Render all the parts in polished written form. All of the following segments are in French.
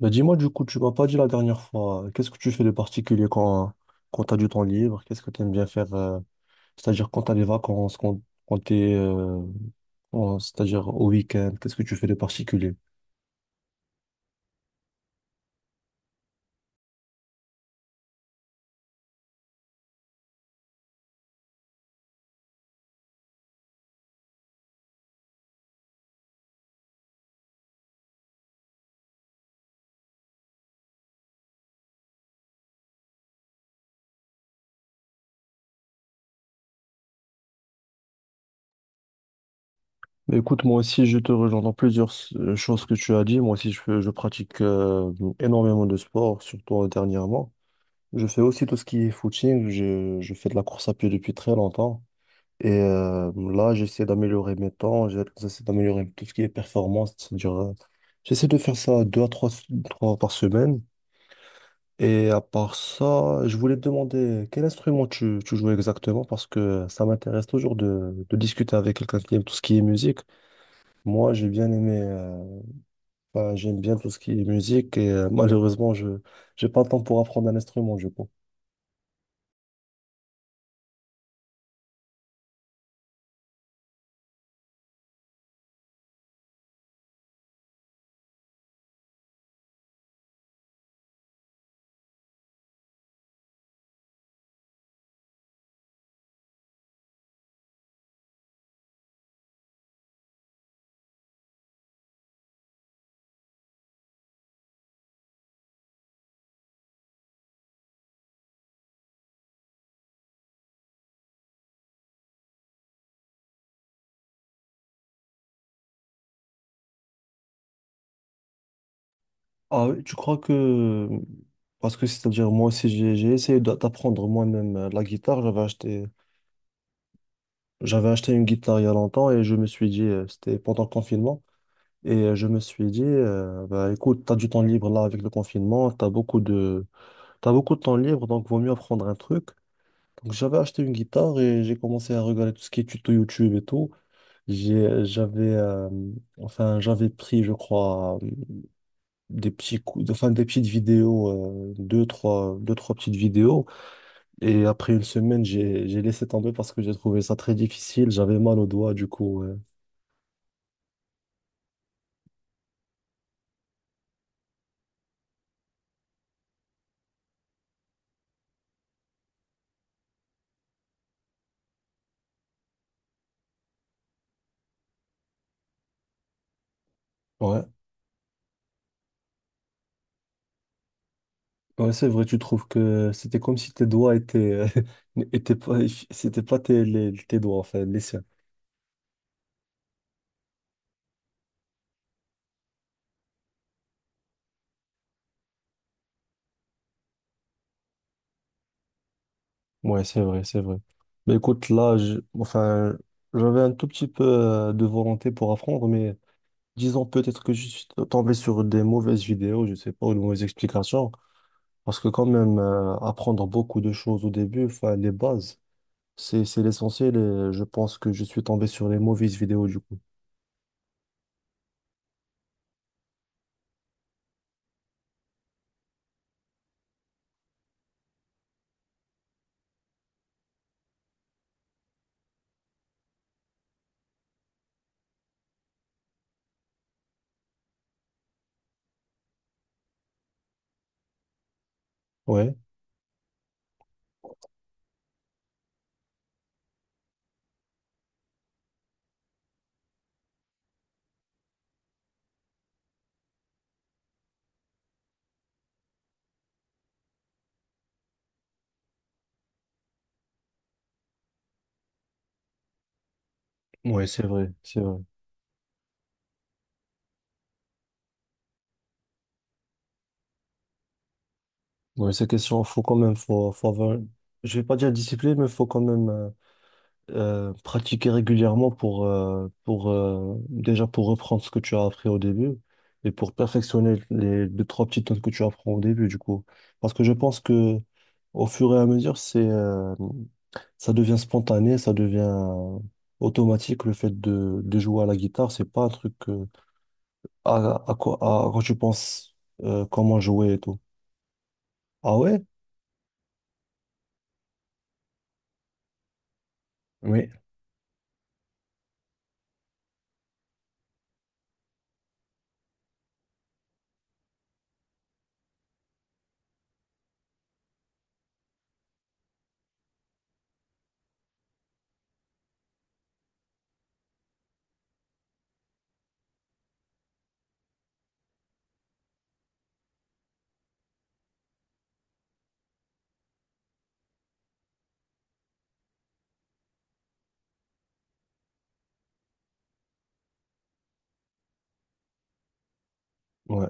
Bah dis-moi du coup, tu m'as pas dit la dernière fois, qu'est-ce que tu fais de particulier quand tu as du temps libre? Qu'est-ce que tu aimes bien faire? C'est-à-dire quand tu as des vacances, quand tu es, c'est-à-dire au week-end, qu'est-ce que tu fais de particulier? Bah, écoute, moi aussi, je te rejoins dans plusieurs choses que tu as dit. Moi aussi, je pratique énormément de sport, surtout dernièrement. Je fais aussi tout ce qui est footing. Je fais de la course à pied depuis très longtemps. Et là, j'essaie d'améliorer mes temps, j'essaie d'améliorer tout ce qui est performance. C'est-à-dire, j'essaie de faire ça deux à trois par semaine. Et à part ça, je voulais te demander quel instrument tu joues exactement parce que ça m'intéresse toujours de discuter avec quelqu'un qui aime tout ce qui est musique. Moi, j'ai bien aimé, enfin, j'aime bien tout ce qui est musique et malheureusement, je j'ai pas le temps pour apprendre un instrument, je pense. Ah, tu crois que... Parce que c'est-à-dire moi aussi j'ai essayé d'apprendre moi-même la guitare. J'avais acheté une guitare il y a longtemps et je me suis dit, c'était pendant le confinement, et je me suis dit, bah, écoute, t'as du temps libre là avec le confinement, t'as beaucoup de temps libre, donc vaut mieux apprendre un truc. Donc j'avais acheté une guitare et j'ai commencé à regarder tout ce qui est tuto YouTube et tout. J'ai, j'avais, euh, enfin, j'avais pris, je crois, des petits coups, enfin des petites vidéos, deux, trois petites vidéos. Et après une semaine, j'ai laissé tomber parce que j'ai trouvé ça très difficile. J'avais mal aux doigts, du coup. Ouais. Ouais, c'est vrai, tu trouves que c'était comme si tes doigts étaient étaient pas, c'était pas tes, tes doigts, enfin, les siens. Ouais, c'est vrai, c'est vrai. Mais écoute, là, enfin, j'avais un tout petit peu de volonté pour apprendre, mais disons peut-être que je suis tombé sur des mauvaises vidéos, je sais pas, ou de mauvaises explications. Parce que quand même, apprendre beaucoup de choses au début, enfin, les bases, c'est l'essentiel et je pense que je suis tombé sur les mauvaises vidéos du coup. Ouais, ouais, c'est vrai, c'est vrai. Ouais, ces questions, faut quand même, faut avoir, je vais pas dire discipline, mais faut quand même pratiquer régulièrement pour déjà pour reprendre ce que tu as appris au début et pour perfectionner les deux, trois petites notes que tu apprends au début, du coup. Parce que je pense que au fur et à mesure, ça devient spontané, ça devient automatique le fait de jouer à la guitare. C'est pas un truc à quoi tu penses comment jouer et tout. Ah ouais? Oui. Ouais.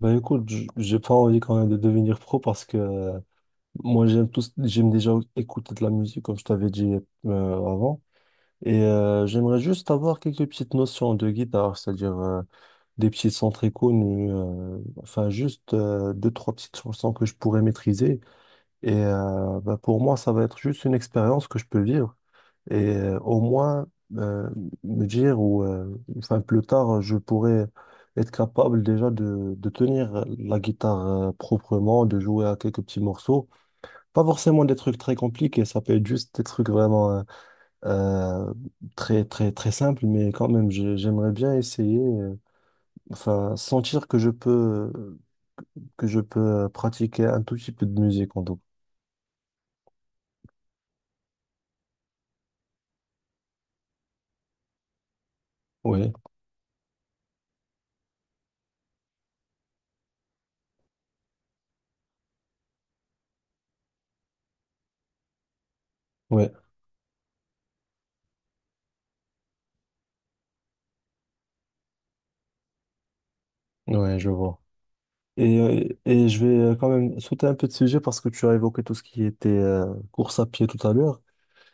Bah écoute, j'ai pas envie quand même de devenir pro parce que moi, j'aime tous, j'aime déjà écouter de la musique, comme je t'avais dit avant. Et j'aimerais juste avoir quelques petites notions de guitare, c'est-à-dire des petits sons très connus, enfin juste deux, trois petites chansons que je pourrais maîtriser. Et bah, pour moi, ça va être juste une expérience que je peux vivre. Et au moins euh, me dire, ou enfin plus tard, je pourrais être capable déjà de tenir la guitare proprement, de jouer à quelques petits morceaux. Pas forcément des trucs très compliqués, ça peut être juste des trucs vraiment euh, très très très simples, mais quand même j'aimerais bien essayer, enfin sentir que je peux pratiquer un tout petit peu de musique en tout. Oui, oui, oui, je vois. Et je vais quand même sauter un peu de sujet parce que tu as évoqué tout ce qui était course à pied tout à l'heure.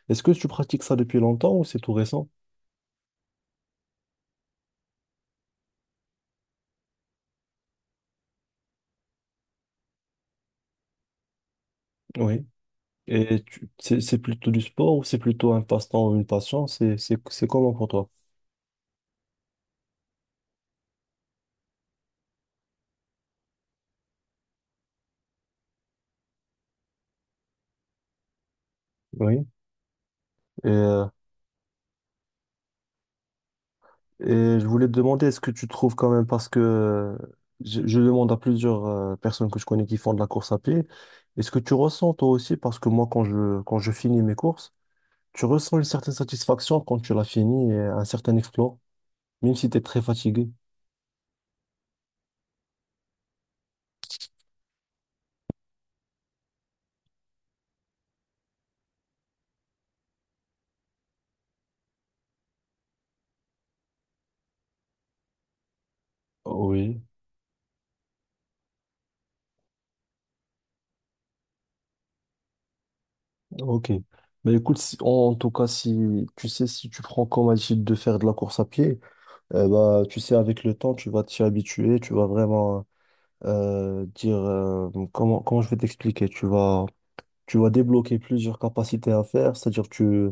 Est-ce que tu pratiques ça depuis longtemps ou c'est tout récent? Oui. Et c'est plutôt du sport ou c'est plutôt un passe-temps ou une passion? C'est comment pour toi? Oui. Et, euh, et je voulais te demander, est-ce que tu trouves quand même, parce que je demande à plusieurs personnes que je connais qui font de la course à pied, est-ce que tu ressens toi aussi, parce que moi, quand je finis mes courses, tu ressens une certaine satisfaction quand tu l'as fini et un certain exploit, même si tu es très fatigué. Oui, ok. Mais écoute, en tout cas, si tu sais, si tu prends comme habitude de faire de la course à pied, eh bah, tu sais, avec le temps, tu vas t'y habituer, tu vas vraiment dire comment je vais t'expliquer. tu vas, débloquer plusieurs capacités à faire, c'est-à-dire tu,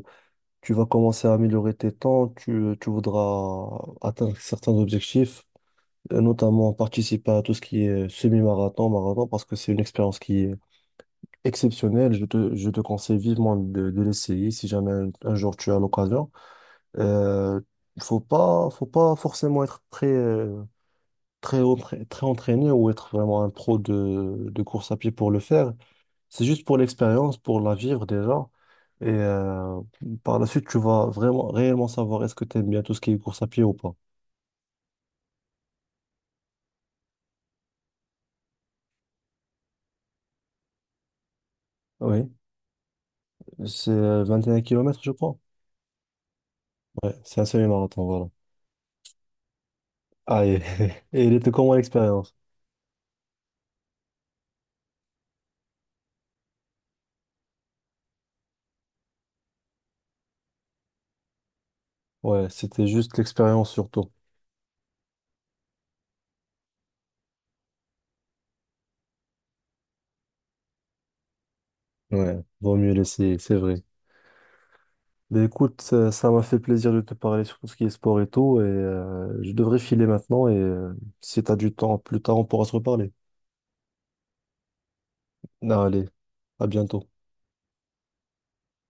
tu vas commencer à améliorer tes temps, tu voudras atteindre certains objectifs, notamment participer à tout ce qui est semi-marathon, marathon, parce que c'est une expérience qui est exceptionnelle. Je te conseille vivement de l'essayer si jamais un jour tu as l'occasion. Euh, faut pas forcément être très entraîné ou être vraiment un pro de course à pied pour le faire. C'est juste pour l'expérience, pour la vivre déjà. Et par la suite, tu vas vraiment réellement savoir est-ce que tu aimes bien tout ce qui est course à pied ou pas. Oui, c'est 21 km, je crois. Ouais, c'est un semi-marathon, voilà. Ah, et, et il était comment l'expérience? Ouais, c'était juste l'expérience surtout. Ouais, vaut mieux l'essayer, c'est vrai. Ben écoute, ça m'a fait plaisir de te parler sur tout ce qui est sport et tout, et je devrais filer maintenant, et si t'as du temps plus tard, on pourra se reparler. Allez, à bientôt.